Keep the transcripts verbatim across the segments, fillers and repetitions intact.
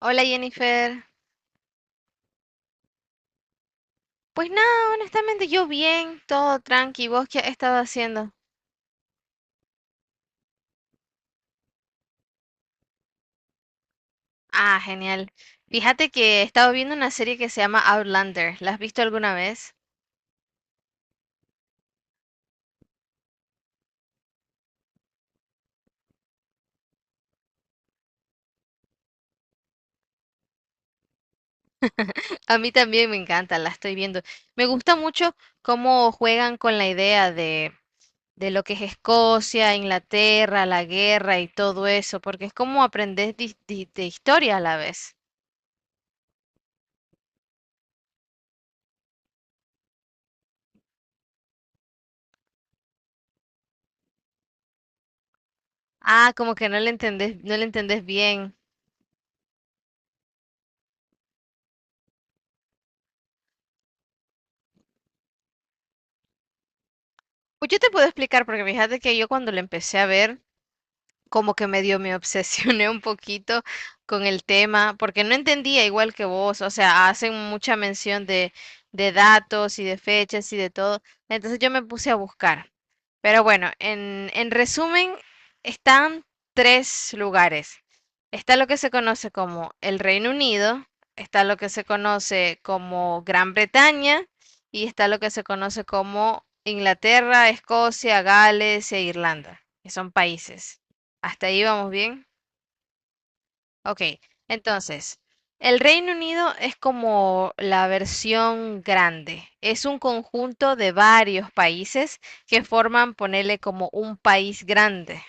Hola Jennifer. Pues nada, honestamente yo bien, todo tranqui. ¿Vos qué has estado haciendo? Ah, genial. Fíjate que he estado viendo una serie que se llama Outlander. ¿La has visto alguna vez? A mí también me encanta, la estoy viendo. Me gusta mucho cómo juegan con la idea de, de lo que es Escocia, Inglaterra, la guerra y todo eso, porque es como aprendés dis- di- de historia a la vez. Ah, como que no le entendés, no le entendés bien. Pues yo te puedo explicar, porque fíjate que yo cuando lo empecé a ver, como que medio me obsesioné un poquito con el tema, porque no entendía igual que vos, o sea, hacen mucha mención de, de datos y de fechas y de todo, entonces yo me puse a buscar. Pero bueno, en, en resumen, están tres lugares. Está lo que se conoce como el Reino Unido, está lo que se conoce como Gran Bretaña y está lo que se conoce como Inglaterra, Escocia, Gales e Irlanda, que son países. Hasta ahí vamos bien. Ok, entonces, el Reino Unido es como la versión grande. Es un conjunto de varios países que forman, ponerle como un país grande,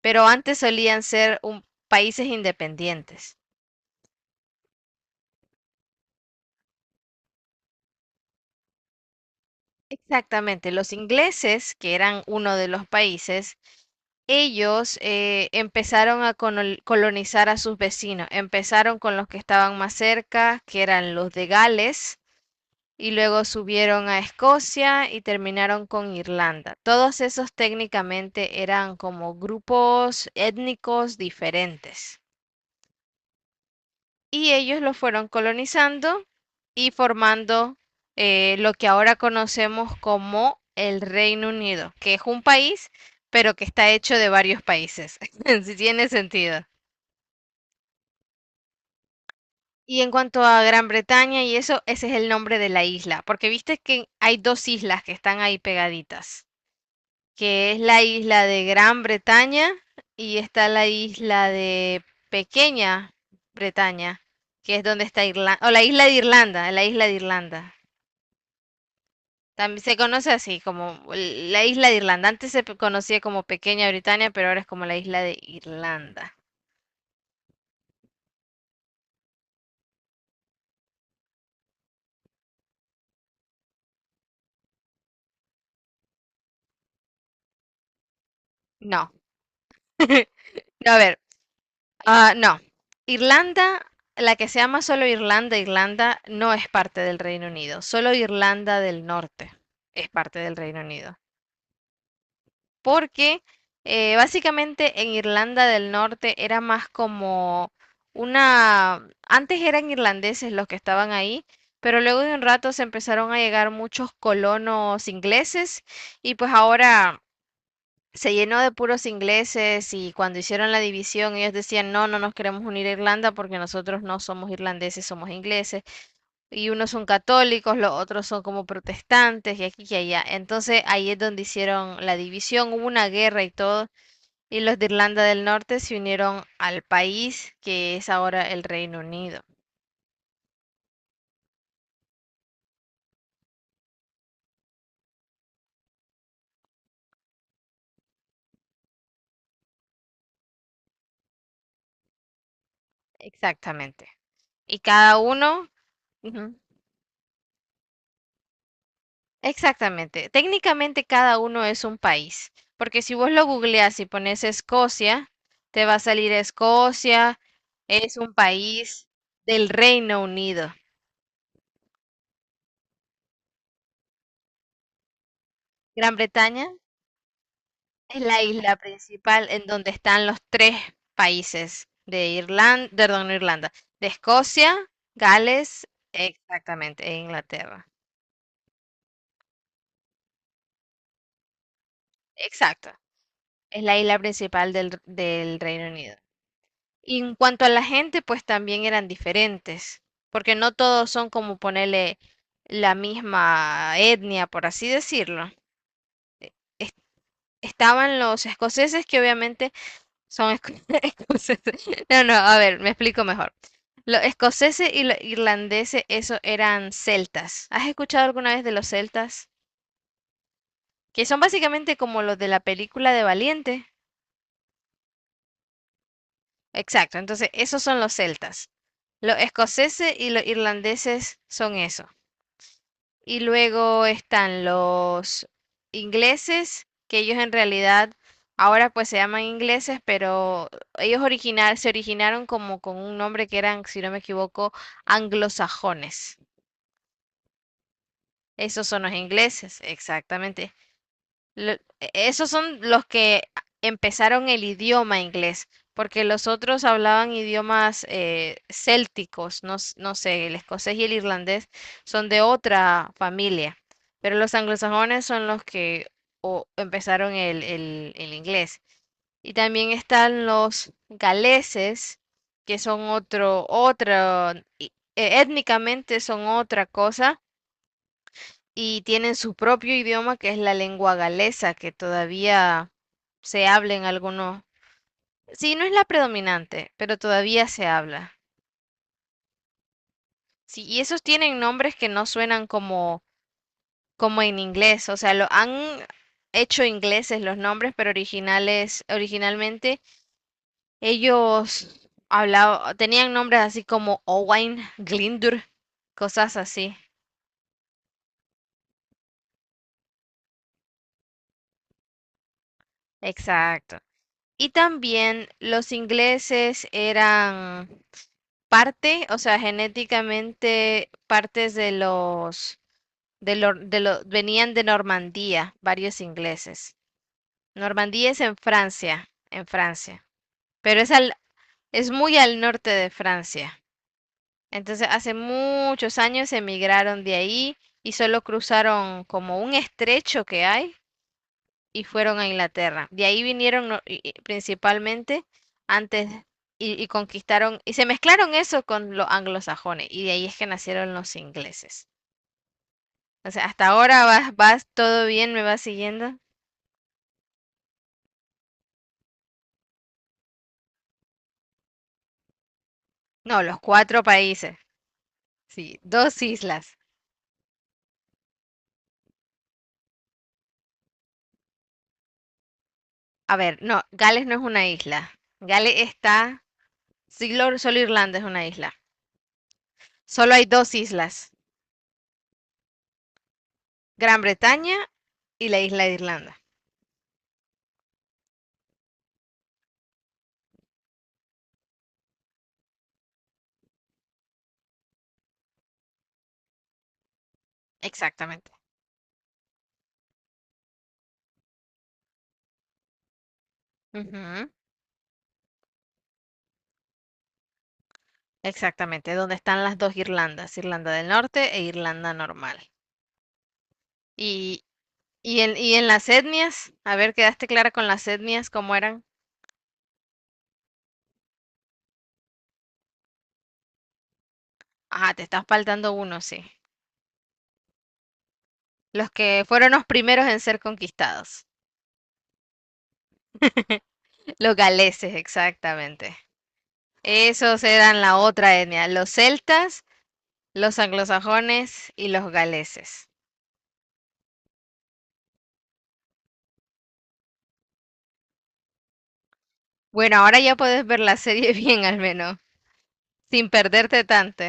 pero antes solían ser un- países independientes. Exactamente, los ingleses, que eran uno de los países, ellos eh, empezaron a conol- colonizar a sus vecinos. Empezaron con los que estaban más cerca, que eran los de Gales, y luego subieron a Escocia y terminaron con Irlanda. Todos esos técnicamente eran como grupos étnicos diferentes y ellos los fueron colonizando y formando eh, lo que ahora conocemos como el Reino Unido, que es un país, pero que está hecho de varios países, si tiene sentido. Y en cuanto a Gran Bretaña y eso, ese es el nombre de la isla, porque viste que hay dos islas que están ahí pegaditas, que es la isla de Gran Bretaña y está la isla de Pequeña Bretaña, que es donde está Irlanda, o la isla de Irlanda, la isla de Irlanda. También se conoce así como la isla de Irlanda. Antes se pe- conocía como Pequeña Britania, pero ahora es como la isla de Irlanda. No, no, a ver, ah, no. Irlanda, la que se llama solo Irlanda, Irlanda, no es parte del Reino Unido. Solo Irlanda del Norte es parte del Reino Unido. Porque eh, básicamente en Irlanda del Norte era más como una... Antes eran irlandeses los que estaban ahí, pero luego de un rato se empezaron a llegar muchos colonos ingleses y pues ahora se llenó de puros ingleses y cuando hicieron la división ellos decían, no, no nos queremos unir a Irlanda porque nosotros no somos irlandeses, somos ingleses. Y unos son católicos, los otros son como protestantes y aquí y allá. Entonces ahí es donde hicieron la división, hubo una guerra y todo. Y los de Irlanda del Norte se unieron al país que es ahora el Reino Unido. Exactamente. Y cada uno... ujú. Exactamente. Técnicamente cada uno es un país, porque si vos lo googleás y pones Escocia, te va a salir Escocia, es un país del Reino Unido. Gran Bretaña es la isla principal en donde están los tres países de Irlanda, perdón, no Irlanda, de Escocia, Gales, exactamente, e Inglaterra. Exacto. Es la isla principal del, del Reino Unido. Y en cuanto a la gente, pues también eran diferentes, porque no todos son como ponerle la misma etnia, por así decirlo. Es- Estaban los escoceses que obviamente son esco- escoceses. No, no, a ver, me explico mejor. Los escoceses y los irlandeses, esos eran celtas. ¿Has escuchado alguna vez de los celtas? Que son básicamente como los de la película de Valiente. Exacto, entonces esos son los celtas. Los escoceses y los irlandeses son eso. Y luego están los ingleses, que ellos en realidad ahora pues se llaman ingleses, pero ellos originar, se originaron como con un nombre que eran, si no me equivoco, anglosajones. Esos son los ingleses, exactamente. Lo- e, esos son los que empezaron el idioma inglés, porque los otros hablaban idiomas eh, célticos, no, s- no sé, el escocés y el irlandés son de otra familia, pero los anglosajones son los que o- empezaron el, el el inglés. Y también están los galeses, que son otro, otra, étnicamente son otra cosa, y tienen su propio idioma que es la lengua galesa, que todavía se habla en algunos. Sí, no es la predominante, pero todavía se habla. Sí, y esos tienen nombres que no suenan como, como en inglés, o sea, lo han hecho ingleses los nombres, pero originales, originalmente ellos hablaban, tenían nombres así como Owain, Glindur, cosas así. Exacto. Y también los ingleses eran parte, o sea, genéticamente partes de los, de lo- de lo- venían de Normandía, varios ingleses. Normandía es en Francia, en Francia, pero es al, es muy al norte de Francia. Entonces, hace muchos años emigraron de ahí y solo cruzaron como un estrecho que hay y fueron a Inglaterra. De ahí vinieron no- y- y principalmente antes y, y conquistaron, y se mezclaron eso con los anglosajones, y de ahí es que nacieron los ingleses. O sea, hasta ahora vas, vas todo bien, me vas siguiendo. No, los cuatro países, sí, dos islas. A ver, no, Gales no es una isla. Gales está, solo, solo Irlanda es una isla. Solo hay dos islas, Gran Bretaña y la isla de Irlanda. Exactamente. Ujú. Exactamente, donde están las dos Irlandas, Irlanda del Norte e Irlanda normal. Y, y, en, y en las etnias, a ver, ¿quedaste clara con las etnias cómo eran? Ah, te estás faltando uno, sí. Los que fueron los primeros en ser conquistados. Los galeses, exactamente. Esos eran la otra etnia, los celtas, los anglosajones y los galeses. Bueno, ahora ya puedes ver la serie bien al menos, sin perderte tanto.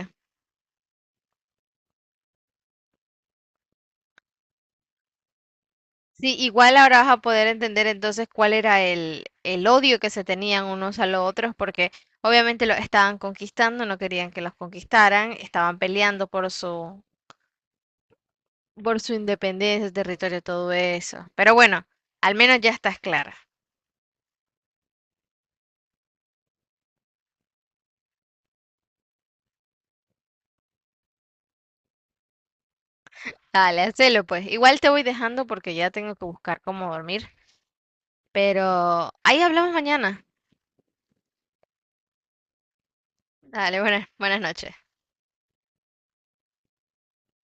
Sí, igual ahora vas a poder entender entonces cuál era el, el odio que se tenían unos a los otros, porque obviamente los estaban conquistando, no querían que los conquistaran, estaban peleando por su, por su independencia, su territorio, todo eso. Pero bueno, al menos ya estás clara. Dale, hacelo pues. Igual te voy dejando porque ya tengo que buscar cómo dormir, pero ahí hablamos mañana. Dale, buenas, buenas noches.